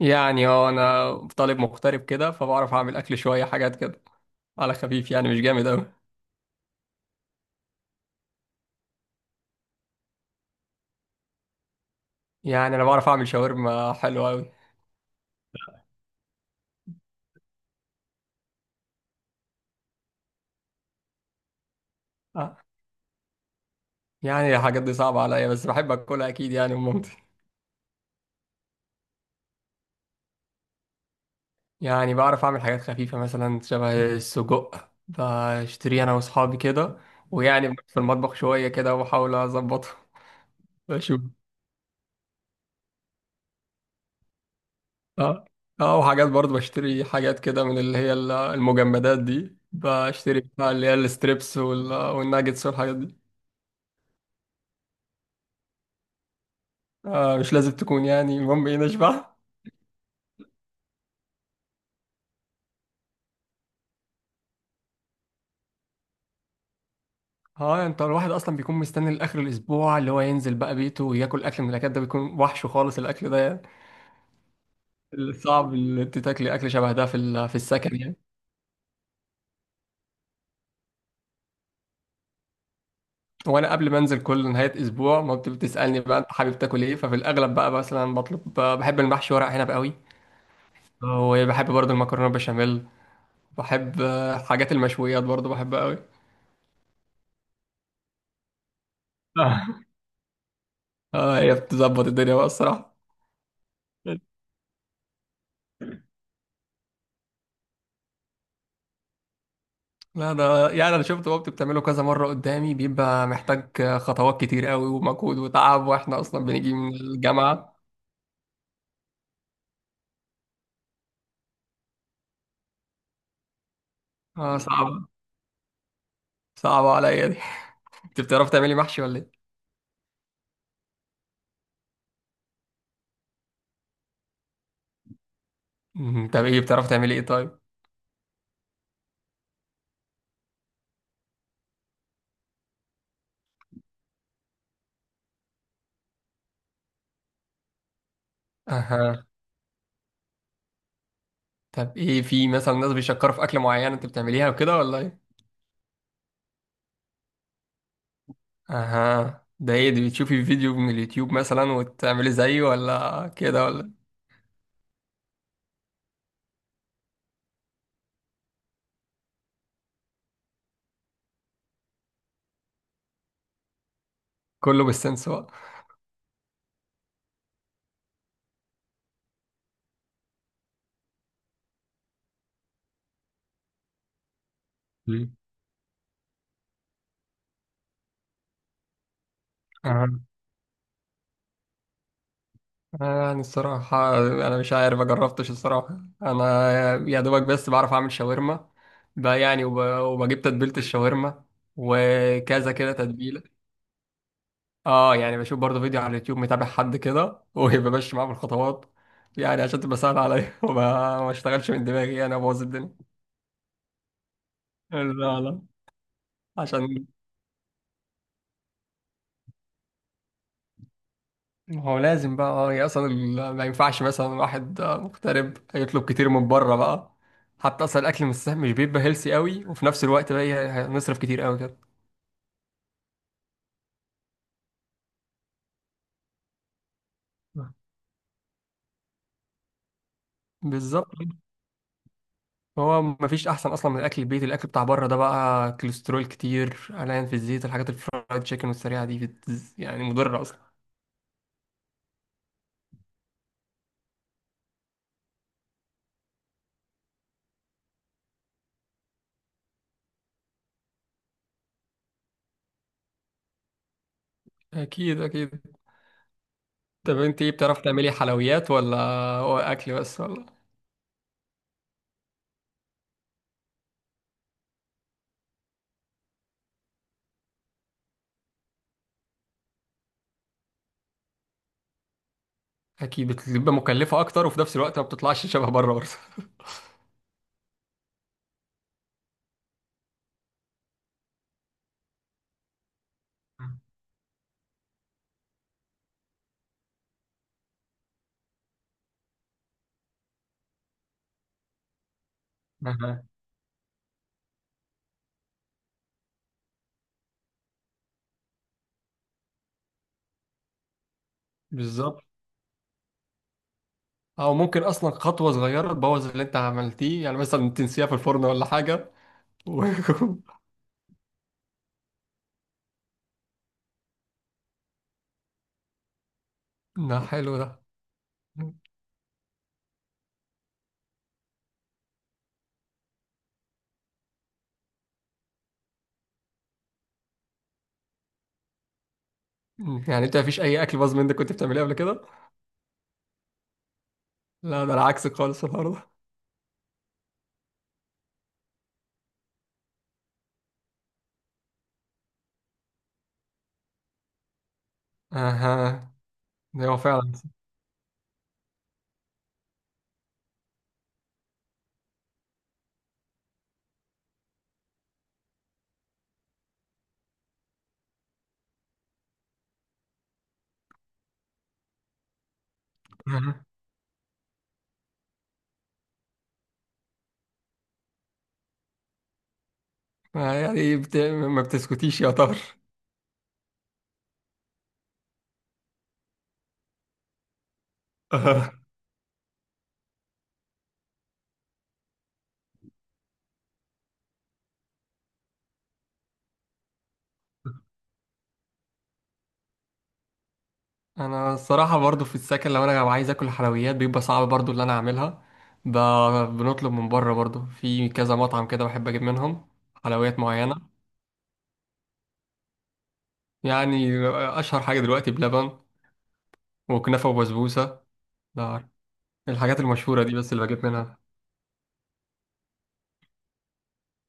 يعني هو انا طالب مغترب كده، فبعرف اعمل اكل شويه حاجات كده على خفيف، يعني مش جامد اوي. يعني انا بعرف اعمل شاورما حلوه اوي. آه، يعني الحاجات دي صعبه عليا، بس بحب اكلها اكيد، يعني من مامتي. يعني بعرف اعمل حاجات خفيفه مثلا، شبه السجق بشتريه انا واصحابي كده. ويعني في المطبخ شويه كده، وبحاول اظبطه. بشوف. اه. اه، وحاجات برضه بشتري حاجات كده من اللي هي المجمدات دي، بشتري بتاع اللي هي الستريبس والناجتس والحاجات دي. آه، مش لازم تكون، يعني المهم ايه نشبع. اه، انت الواحد اصلا بيكون مستني لاخر الاسبوع اللي هو ينزل بقى بيته وياكل اكل، من الاكل ده بيكون وحش خالص الاكل ده يعني. صعب اللي انت تاكلي اكل شبه ده في السكن، يعني. وانا قبل ما انزل كل نهايه اسبوع، ما بتسالني بقى انت حابب تاكل ايه؟ ففي الاغلب بقى مثلا بطلب، بحب المحشي ورق عنب قوي. وبحب برضه المكرونه بشاميل. بحب حاجات المشويات برضه، بحبها قوي. اه، هي بتظبط الدنيا بقى الصراحه. لا، ده يعني انا شفت بابتي بتعمله كذا مره قدامي، بيبقى محتاج خطوات كتير قوي ومجهود وتعب، واحنا اصلا بنيجي من الجامعه. اه، صعبه صعبه عليا دي. انت بتعرفي تعملي محشي ولا ايه؟ مم، طب ايه بتعرفي تعملي ايه طيب؟ اها، طب ايه في مثلا ناس بيشكروا في اكل معين انت بتعمليها وكده ولا ايه؟ اها، ده ايه دي؟ بتشوفي فيديو من اليوتيوب مثلا وتعملي زيه ولا كده ولا إيه؟ كله بالسنس بقى. مم. أها. يعني الصراحة أنا مش عارف، مجربتش، الصراحة أنا يا دوبك بس بعرف أعمل شاورما بقى، يعني وبجيب تتبيلة الشاورما، وكذا كده تتبيلة. اه، يعني بشوف برضه فيديو على اليوتيوب، متابع حد كده وبمشي معاه في الخطوات، يعني عشان تبقى سهلة عليا، وما ما اشتغلش من دماغي، يعني أبوظ الدنيا. لا، لا. عشان. هو لازم بقى، يعني اصلا ما ينفعش مثلا واحد مغترب يطلب كتير من بره بقى. حتى اصلا الاكل مش سهل، مش بيبقى هيلسي قوي، وفي نفس الوقت بقى هنصرف كتير قوي كده. بالظبط. هو ما فيش احسن اصلا من الاكل البيتي، الاكل بتاع بره ده بقى كوليسترول كتير، قلقان في الزيت، الحاجات الفرايد تشيكن والسريعه دي يعني مضره اصلا. اكيد، اكيد. طب انت ايه، بتعرفي تعملي حلويات، ولا هو اكل بس ولا؟ اكيد بتبقى مكلفه اكتر، وفي نفس الوقت ما بتطلعش شبه بره برضه. أها. بالظبط. او ممكن اصلا خطوه صغيره تبوظ اللي انت عملتيه، يعني مثلا تنسيها في الفرن ولا حاجه و... ده حلو ده. يعني انت مفيش اي اكل باظ منك كنت بتعمليه قبل كده؟ لا، ده انا عكسك خالص النهارده. اها، ده هو فعلا. أها. يعني ما بتسكتيش يا طار. أها. انا الصراحه برضو في السكن، لو انا عايز اكل حلويات بيبقى صعب برضو اللي انا اعملها. ب... بنطلب من بره برضو، في كذا مطعم كده بحب اجيب منهم حلويات معينه. يعني اشهر حاجه دلوقتي بلبن، وكنافه وبسبوسه. ده عارف. الحاجات المشهوره دي بس اللي بجيب منها.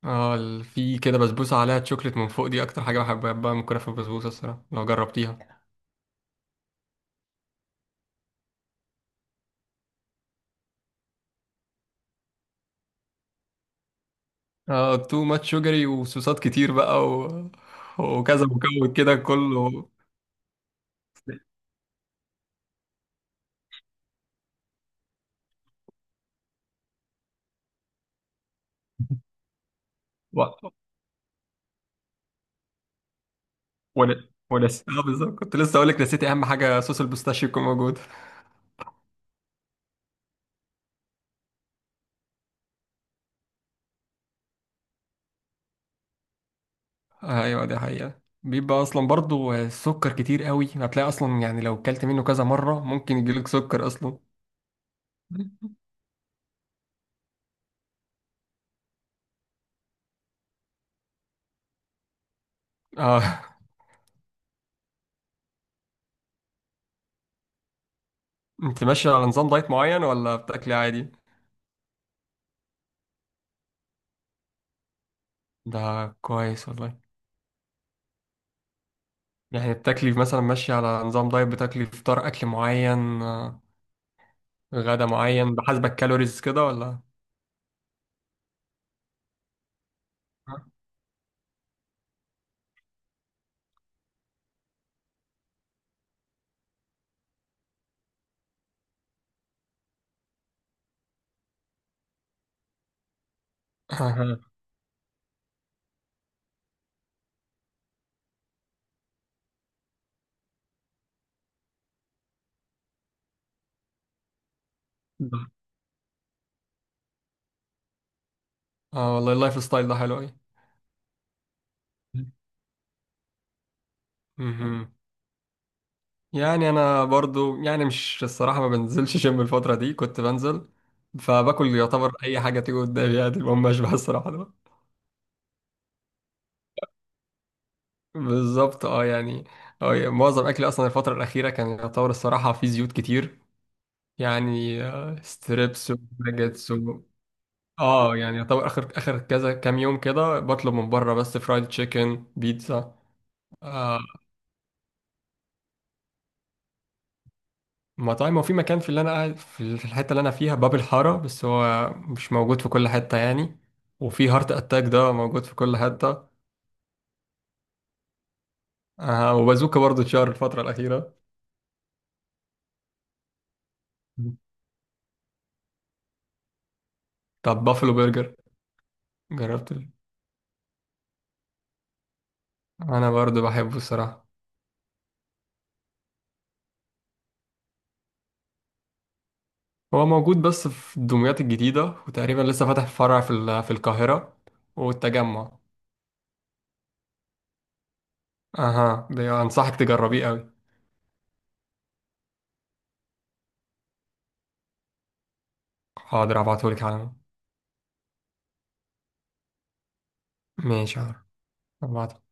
اه، في كده بسبوسه عليها تشوكليت من فوق، دي اكتر حاجه بحبها بقى من كنافه وبسبوسه الصراحه، لو جربتيها. اه، تو ماتش شوجري، وصوصات كتير بقى وكذا مكون كده كله و... ولا ولسه، اه بالظبط، كنت لسه اقول لك نسيت اهم حاجه، صوص البستاشيو يكون موجود. ايوه، دي حقيقه، بيبقى اصلا برضو السكر كتير قوي، هتلاقي اصلا يعني لو كلت منه كذا مره ممكن يجيلك سكر اصلا. اه، انت ماشية على نظام دايت معين، ولا بتاكلي عادي؟ ده كويس والله. يعني بتاكلي مثلا ماشية على نظام دايت، بتاكلي فطار أكل معين، غدا معين بحسب الكالوريز كده ولا؟ اه، والله اللايف ستايل ده حلو أوي. مهم. يعني أنا برضو، يعني مش الصراحة، ما بنزلش جيم الفترة دي، كنت بنزل، فباكل يعتبر أي حاجة تيجي قدامي، يعني المهم أشبع الصراحة. بالظبط. اه يعني معظم اكلي اصلا الفتره الاخيره كان يعتبر الصراحه فيه زيوت كتير، يعني ستريبس وباجيتس اه، يعني يعتبر اخر اخر كذا كام يوم كده، بطلب من بره بس فرايد تشيكن بيتزا. آه، مطاعم. وفي مكان في اللي انا قاعد في الحته اللي انا فيها، باب الحاره، بس هو مش موجود في كل حته يعني. وفي هارت اتاك ده موجود في كل حته. آه، وبازوكا برضو اتشهر الفتره الاخيره. طب بافلو برجر؟ جربت انا برضو بحبه الصراحه. هو موجود بس في الدمياط الجديدة، وتقريبا لسه فاتح فرع في القاهرة والتجمع. اها، ده انصحك تجربيه قوي. حاضر، ابعتهولك على. ماشي، حاضر. ابعت.